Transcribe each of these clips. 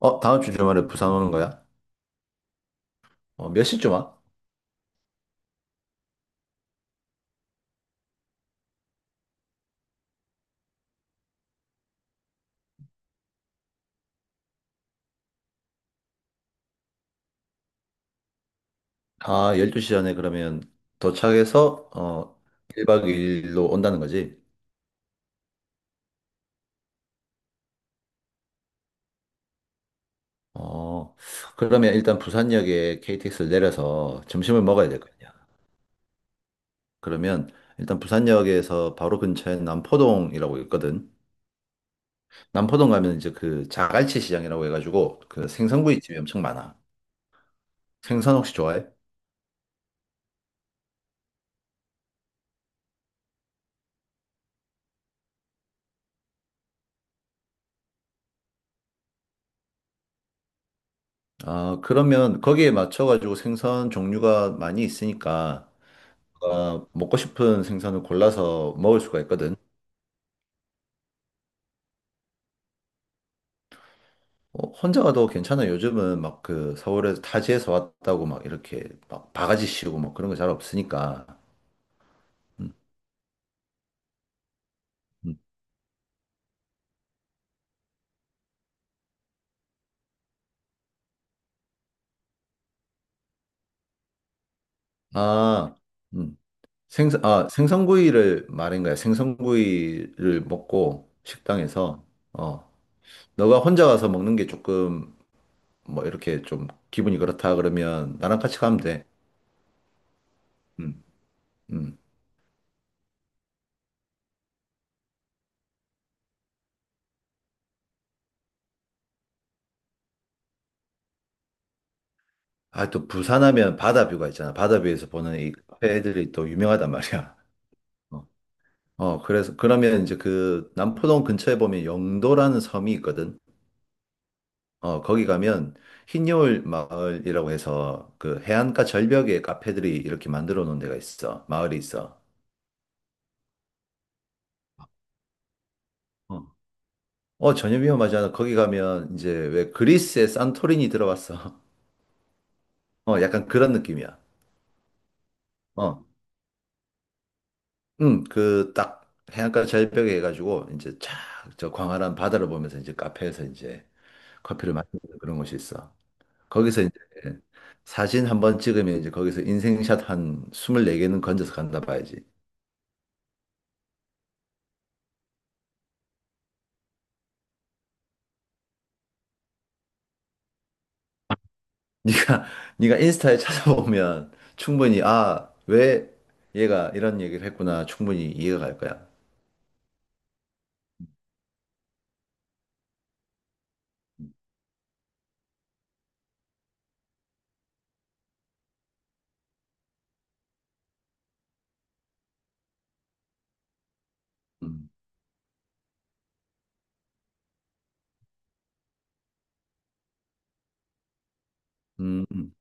어, 다음 주 주말에 부산 오는 거야? 어, 몇 시쯤 와? 아, 12시 전에 그러면 도착해서, 1박 2일로 온다는 거지? 어, 그러면 일단 부산역에 KTX를 내려서 점심을 먹어야 될 거 아니야. 그러면 일단 부산역에서 바로 근처에 남포동이라고 있거든. 남포동 가면 이제 그 자갈치 시장이라고 해가지고 그 생선구이집이 엄청 많아. 생선 혹시 좋아해? 아, 그러면 거기에 맞춰가지고 생선 종류가 많이 있으니까 뭔가 먹고 싶은 생선을 골라서 먹을 수가 있거든. 어, 혼자 가도 괜찮아. 요즘은 막 그 서울에서 타지에서 왔다고 막 이렇게 막 바가지 씌우고 막 그런 거 잘 없으니까. 음. 아, 음. 아, 생선구이를 말인 거야. 생선구이를 먹고 식당에서. 어, 너가 혼자 가서 먹는 게 조금 뭐 이렇게 좀 기분이 그렇다 그러면 나랑 같이 가면 돼. 음, 음. 아, 또 부산하면 바다뷰가 있잖아. 바다뷰에서 보는 이 카페 애들이 또 유명하단 말이야. 어. 어, 그러면 이제 그 남포동 근처에 보면 영도라는 섬이 있거든. 어, 거기 가면 흰여울 마을이라고 해서 그 해안가 절벽에 카페들이 이렇게 만들어 놓은 데가 있어. 마을이 있어. 어, 어, 전혀 위험하지 않아. 거기 가면 이제 왜 그리스의 산토리니 들어봤어. 어, 약간 그런 느낌이야. 어, 응, 그 딱 해안가 절벽에 해가지고 이제 쫙 저 광활한 바다를 보면서 이제 카페에서 이제 커피를 마시는 그런 곳이 있어. 거기서 이제 사진 한번 찍으면 이제 거기서 인생샷 한 24개는 건져서 간다 봐야지. 네가 네가 인스타에 찾아보면 충분히 아, 왜 얘가 이런 얘기를 했구나 충분히 이해가 갈 거야. 음. 음. 음.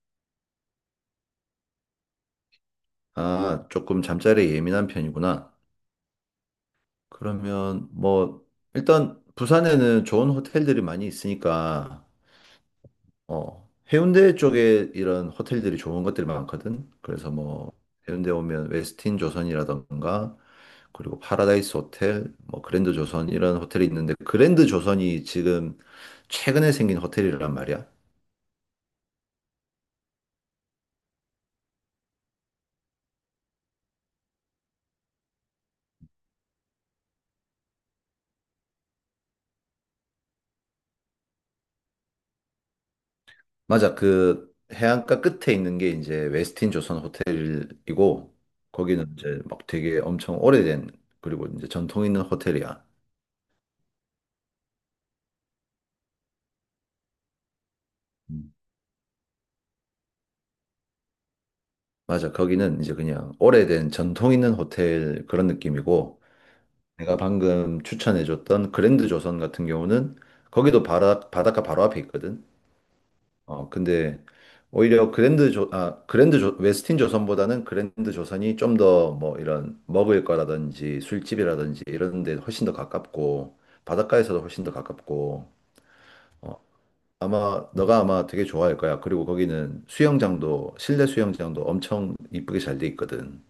아, 조금 잠자리에 예민한 편이구나. 그러면 뭐 일단 부산에는 좋은 호텔들이 많이 있으니까 어, 해운대 쪽에 이런 호텔들이 좋은 것들이 많거든. 그래서 뭐 해운대 오면 웨스틴 조선이라던가 그리고 파라다이스 호텔, 뭐 그랜드 조선 이런 호텔이 있는데 그랜드 조선이 지금 최근에 생긴 호텔이란 말이야. 맞아. 그 해안가 끝에 있는 게 이제 웨스틴 조선 호텔이고 거기는 이제 막 되게 엄청 오래된 그리고 이제 전통 있는 호텔이야. 음. 맞아. 거기는 이제 그냥 오래된 전통 있는 호텔 그런 느낌이고 내가 방금 추천해줬던 그랜드 조선 같은 경우는 거기도 바닷가 바로 앞에 있거든. 어, 근데 오히려 그랜드 조, 아, 그랜드 조, 웨스틴 조선보다는 그랜드 조선이 좀 더 뭐 이런 먹을 거라든지 술집이라든지 이런 데 훨씬 더 가깝고 바닷가에서도 훨씬 더 가깝고 어, 아마 너가 아마 되게 좋아할 거야. 그리고 거기는 수영장도 실내 수영장도 엄청 이쁘게 잘 돼 있거든.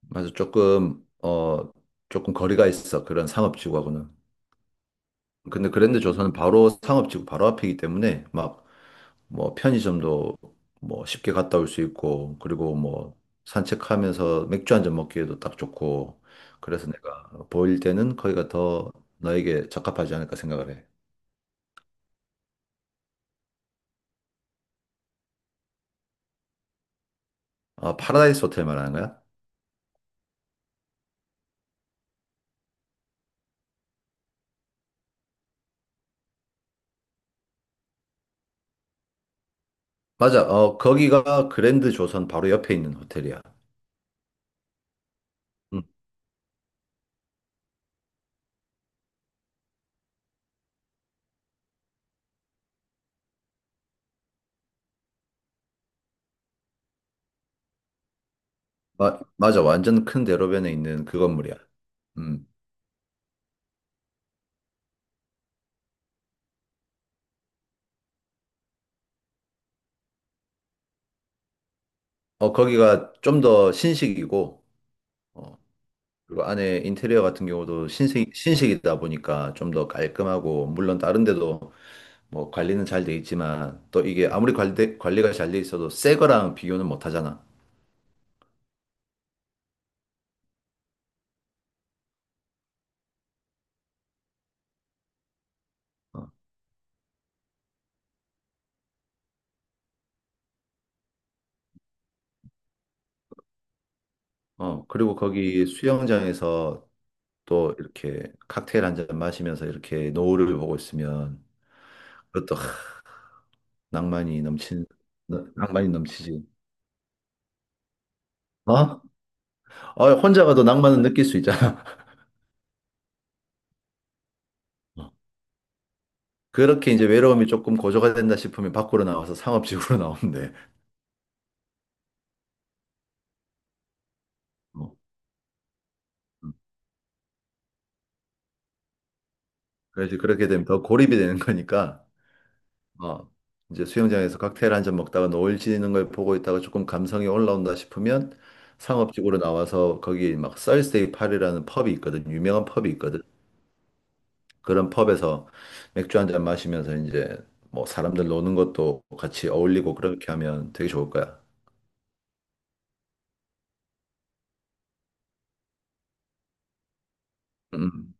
맞아, 조금 조금 거리가 있어 그런 상업지구하고는. 근데 그랜드 조선은 바로 상업지구 바로 앞이기 때문에 막 뭐 편의점도 뭐 쉽게 갔다 올 수 있고 그리고 뭐 산책하면서 맥주 한잔 먹기에도 딱 좋고 그래서 내가 보일 때는 거기가 더 너에게 적합하지 않을까 생각을 해. 아, 파라다이스 호텔 말하는 거야? 맞아. 어, 거기가 그랜드 조선 바로 옆에 있는 호텔이야. 음. 맞아. 완전 큰 대로변에 있는 그 건물이야. 음. 어, 거기가 좀 더 신식이고 어, 그리고 안에 인테리어 같은 경우도 신식이다 보니까 좀 더 깔끔하고, 물론 다른 데도 뭐 관리는 잘 돼 있지만, 또 이게 아무리 관리가 잘 돼 있어도 새 거랑 비교는 못 하잖아. 어, 어, 그리고 거기 수영장에서 또 이렇게 칵테일 한 잔 마시면서 이렇게 노을을 보고 있으면 그것도 낭만이 넘치는, 낭만이 넘치지. 어? 어, 혼자 가도 낭만은 느낄 수 있잖아. 어. 그렇게 이제 외로움이 조금 고조가 된다 싶으면 밖으로 나와서 상업지구로 나오면 돼. 어. 어. 그래서 그렇게 되면 더 고립이 되는 거니까, 어, 이제 수영장에서 칵테일 한 잔 먹다가 노을 지는 걸 보고 있다가 조금 감성이 올라온다 싶으면 상업지구로 나와서 거기 막 썰스데이 파이라는 펍이 있거든. 유명한 펍이 있거든. 그런 펍에서 맥주 한 잔 마시면서 이제 뭐 사람들 노는 것도 같이 어울리고 그렇게 하면 되게 좋을 거야. 음.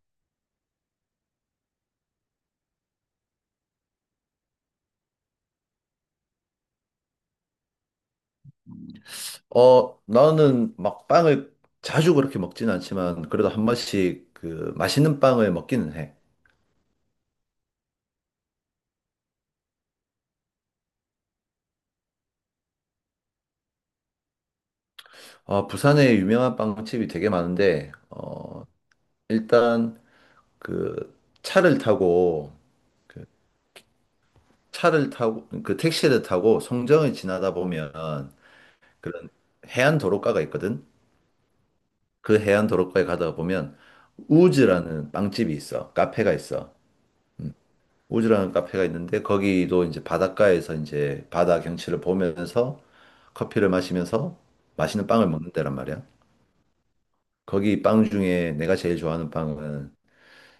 어, 나는 막 빵을 자주 그렇게 먹진 않지만 그래도 한 번씩 그 맛있는 빵을 먹기는 해. 어, 부산에 유명한 빵집이 되게 많은데, 일단 그 차를 타고, 그 그 택시를 타고 송정을 지나다 보면 그런 해안 도로가가 있거든? 그 해안 도로가에 가다 보면 우즈라는 빵집이 있어. 카페가 있어. 우즈라는 카페가 있는데 거기도 이제 바닷가에서 이제 바다 경치를 보면서 커피를 마시면서 맛있는 빵을 먹는 데란 말이야. 거기 빵 중에 내가 제일 좋아하는 빵은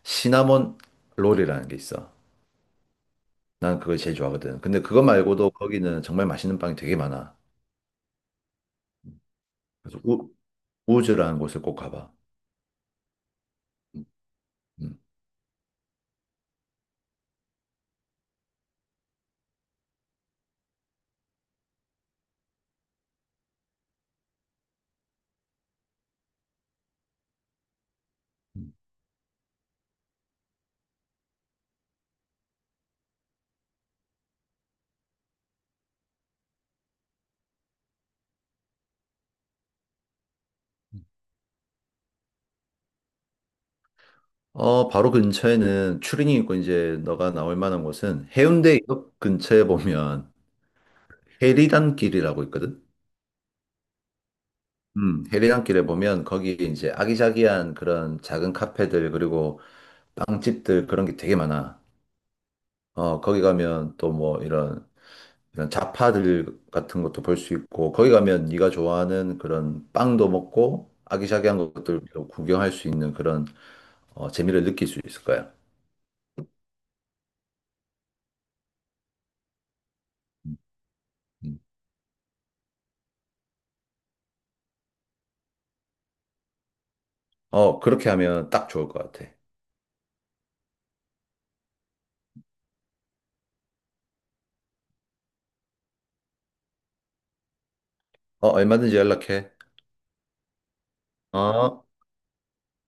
시나몬 롤이라는 게 있어. 난 그걸 제일 좋아하거든. 근데 그거 말고도 거기는 정말 맛있는 빵이 되게 많아. 그래서 우즈라는 곳을 꼭 가봐. 음. 어, 바로 근처에는 추린이 있고 이제 너가 나올 만한 곳은 해운대역 근처에 보면 해리단길이라고 있거든. 해리단길에 보면 거기에 이제 아기자기한 그런 작은 카페들 그리고 빵집들 그런 게 되게 많아. 어, 거기 가면 또 뭐 이런 자파들 같은 것도 볼 수 있고 거기 가면 네가 좋아하는 그런 빵도 먹고 아기자기한 것들도 구경할 수 있는 그런 재미를 느낄 수 있을 거야. 음. 어, 그렇게 하면 딱 좋을 것 같아. 어, 얼마든지 연락해. 어.